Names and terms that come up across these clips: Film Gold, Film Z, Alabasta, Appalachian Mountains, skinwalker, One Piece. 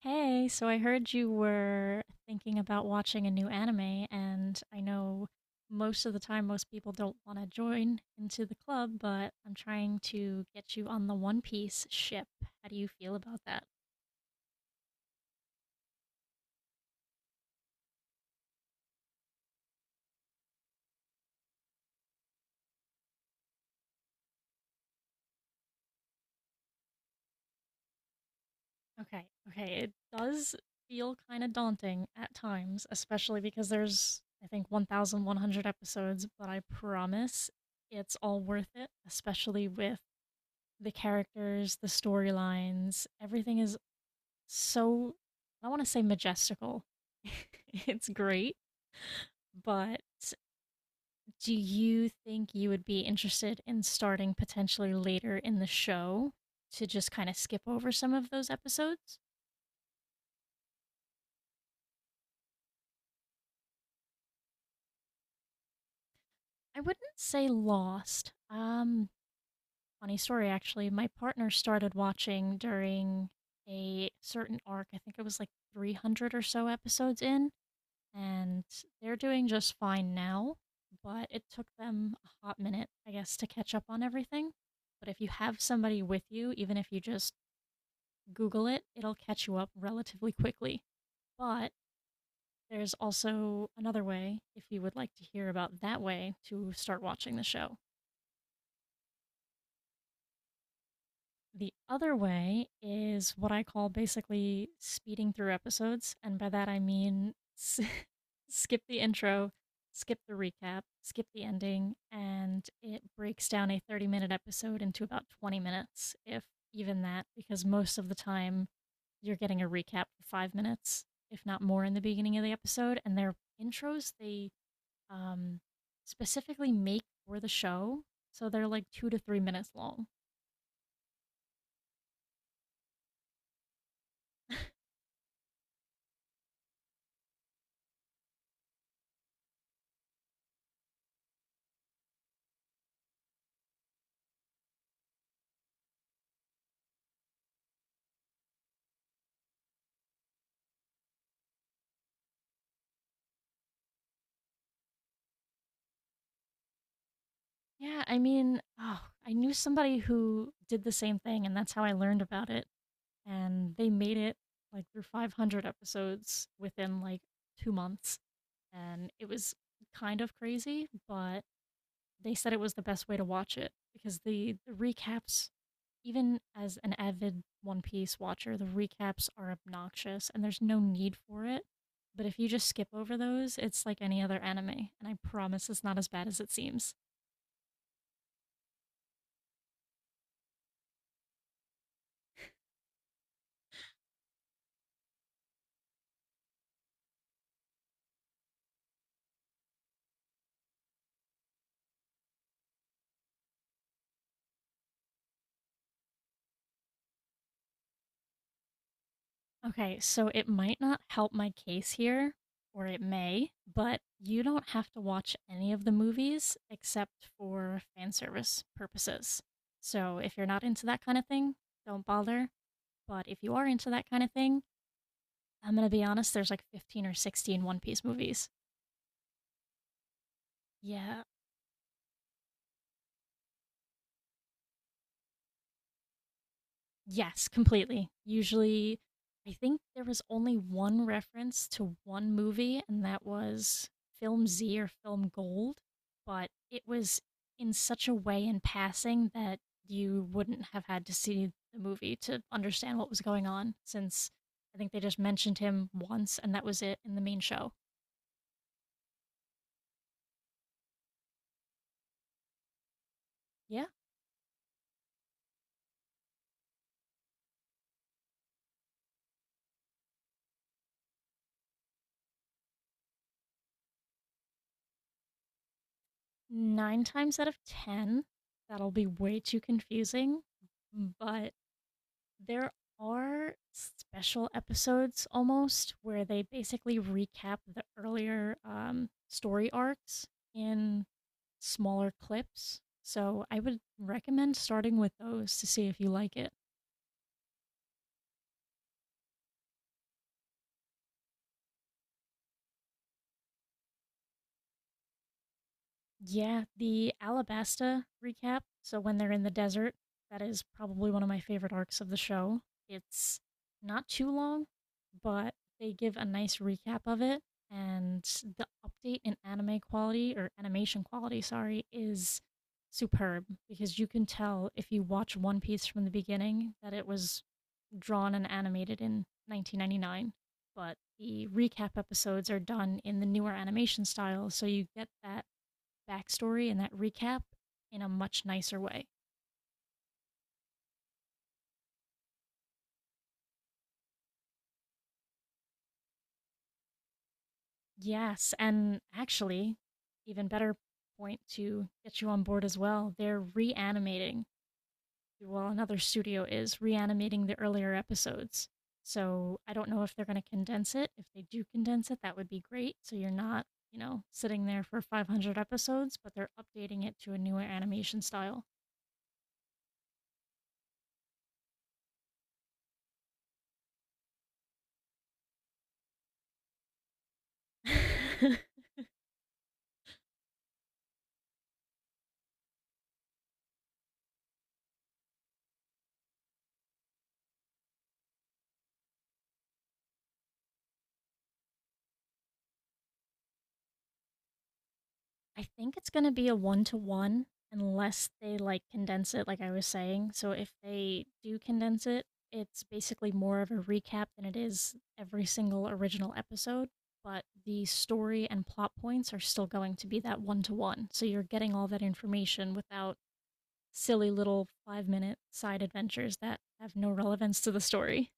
Hey, so I heard you were thinking about watching a new anime, and I know most of the time most people don't want to join into the club, but I'm trying to get you on the One Piece ship. How do you feel about that? Okay, okay, it does feel kind of daunting at times, especially because there's, I think, 1,100 episodes, but I promise it's all worth it, especially with the characters, the storylines, everything is so I want to say majestical. It's great, but do you think you would be interested in starting potentially later in the show to just kind of skip over some of those episodes? I wouldn't say lost. Funny story actually. My partner started watching during a certain arc. I think it was like 300 or so episodes in, and they're doing just fine now, but it took them a hot minute, I guess, to catch up on everything. But if you have somebody with you, even if you just Google it, it'll catch you up relatively quickly. But there's also another way, if you would like to hear about that way, to start watching the show. The other way is what I call basically speeding through episodes. And by that, I mean skip the intro, skip the recap, skip the ending, and it breaks down a 30-minute episode into about 20 minutes, if even that, because most of the time you're getting a recap for 5 minutes, if not more, in the beginning of the episode. And their intros, they um, specifically make for the show. So they're like 2 to 3 minutes long. Yeah, I mean, oh, I knew somebody who did the same thing, and that's how I learned about it. And they made it like through 500 episodes within like 2 months. And it was kind of crazy, but they said it was the best way to watch it because the recaps, even as an avid One Piece watcher, the recaps are obnoxious and there's no need for it. But if you just skip over those, it's like any other anime. And I promise it's not as bad as it seems. Okay, so it might not help my case here, or it may, but you don't have to watch any of the movies except for fan service purposes. So if you're not into that kind of thing, don't bother. But if you are into that kind of thing, I'm gonna be honest, there's like 15 or 16 One Piece movies. Yeah, yes, completely. Usually, I think there was only one reference to one movie, and that was Film Z or Film Gold, but it was in such a way in passing that you wouldn't have had to see the movie to understand what was going on, since I think they just mentioned him once, and that was it in the main show. Yeah, nine times out of ten, that'll be way too confusing, but there are special episodes almost where they basically recap the earlier story arcs in smaller clips. So I would recommend starting with those to see if you like it. Yeah, the Alabasta recap. So when they're in the desert, that is probably one of my favorite arcs of the show. It's not too long, but they give a nice recap of it. And the update in anime quality or animation quality, sorry, is superb because you can tell if you watch One Piece from the beginning that it was drawn and animated in 1999. But the recap episodes are done in the newer animation style, so you get that backstory and that recap in a much nicer way. Yes, and actually, even better point to get you on board as well. They're reanimating, well, another studio is reanimating the earlier episodes. So I don't know if they're going to condense it. If they do condense it, that would be great. So you're not, you know, sitting there for 500 episodes, but they're updating it to a newer animation style. I think it's gonna be a one-to-one unless they, like, condense it, like I was saying. So if they do condense it, it's basically more of a recap than it is every single original episode, but the story and plot points are still going to be that one-to-one. So you're getting all that information without silly little five-minute side adventures that have no relevance to the story.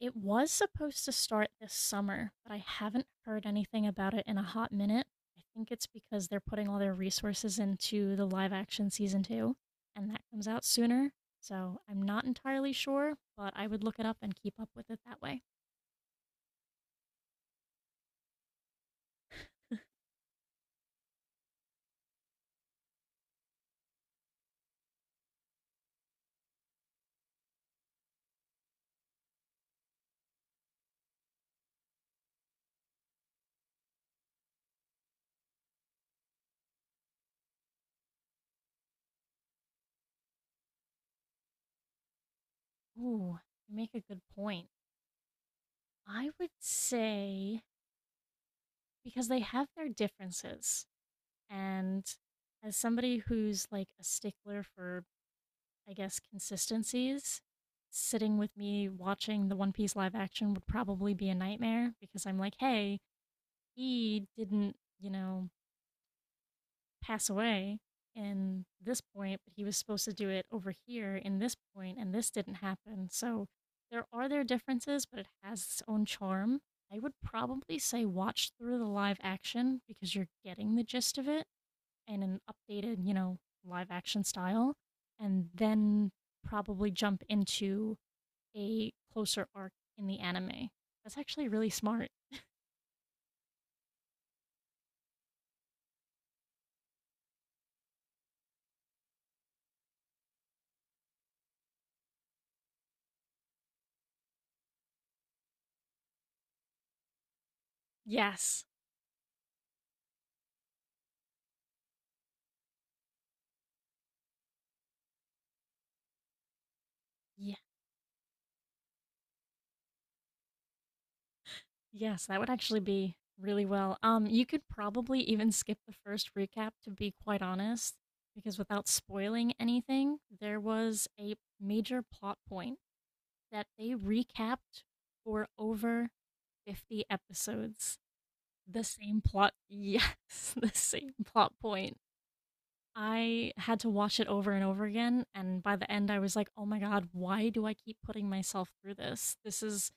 It was supposed to start this summer, but I haven't heard anything about it in a hot minute. I think it's because they're putting all their resources into the live action season two, and that comes out sooner. So I'm not entirely sure, but I would look it up and keep up with it that way. Ooh, you make a good point. I would say because they have their differences, and as somebody who's like a stickler for I guess, consistencies. Sitting with me watching the One Piece live action would probably be a nightmare because I'm like, hey, he didn't, you know, pass away in this point, but he was supposed to do it over here in this point, and this didn't happen. So there are their differences, but it has its own charm. I would probably say watch through the live action because you're getting the gist of it in an updated, you know, live action style, and then probably jump into a closer arc in the anime. That's actually really smart. Yes. Yeah. Yes, that would actually be really well. You could probably even skip the first recap, to be quite honest, because without spoiling anything, there was a major plot point that they recapped for over 50 episodes. The same plot yes, the same plot point. I had to watch it over and over again, and by the end, I was like, oh my god, why do I keep putting myself through this? This is,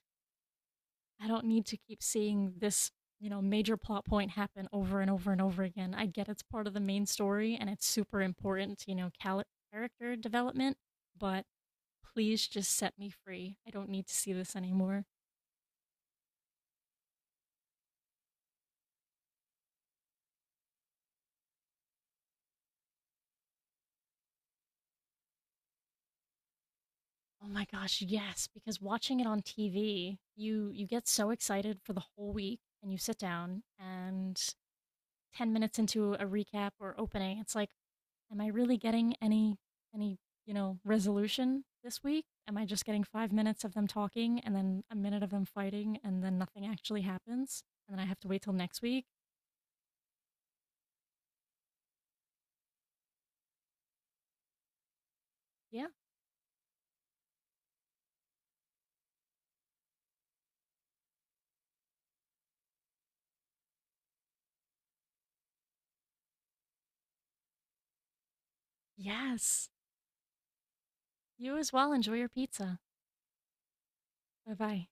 I don't need to keep seeing this, you know, major plot point happen over and over and over again. I get it's part of the main story and it's super important, you know, character development, but please just set me free. I don't need to see this anymore. Oh my gosh, yes, because watching it on TV, you get so excited for the whole week and you sit down and 10 minutes into a recap or opening, it's like, am I really getting any any, you know, resolution this week? Am I just getting 5 minutes of them talking and then a minute of them fighting and then nothing actually happens and then I have to wait till next week? Yeah. Yes. You as well enjoy your pizza. Bye-bye.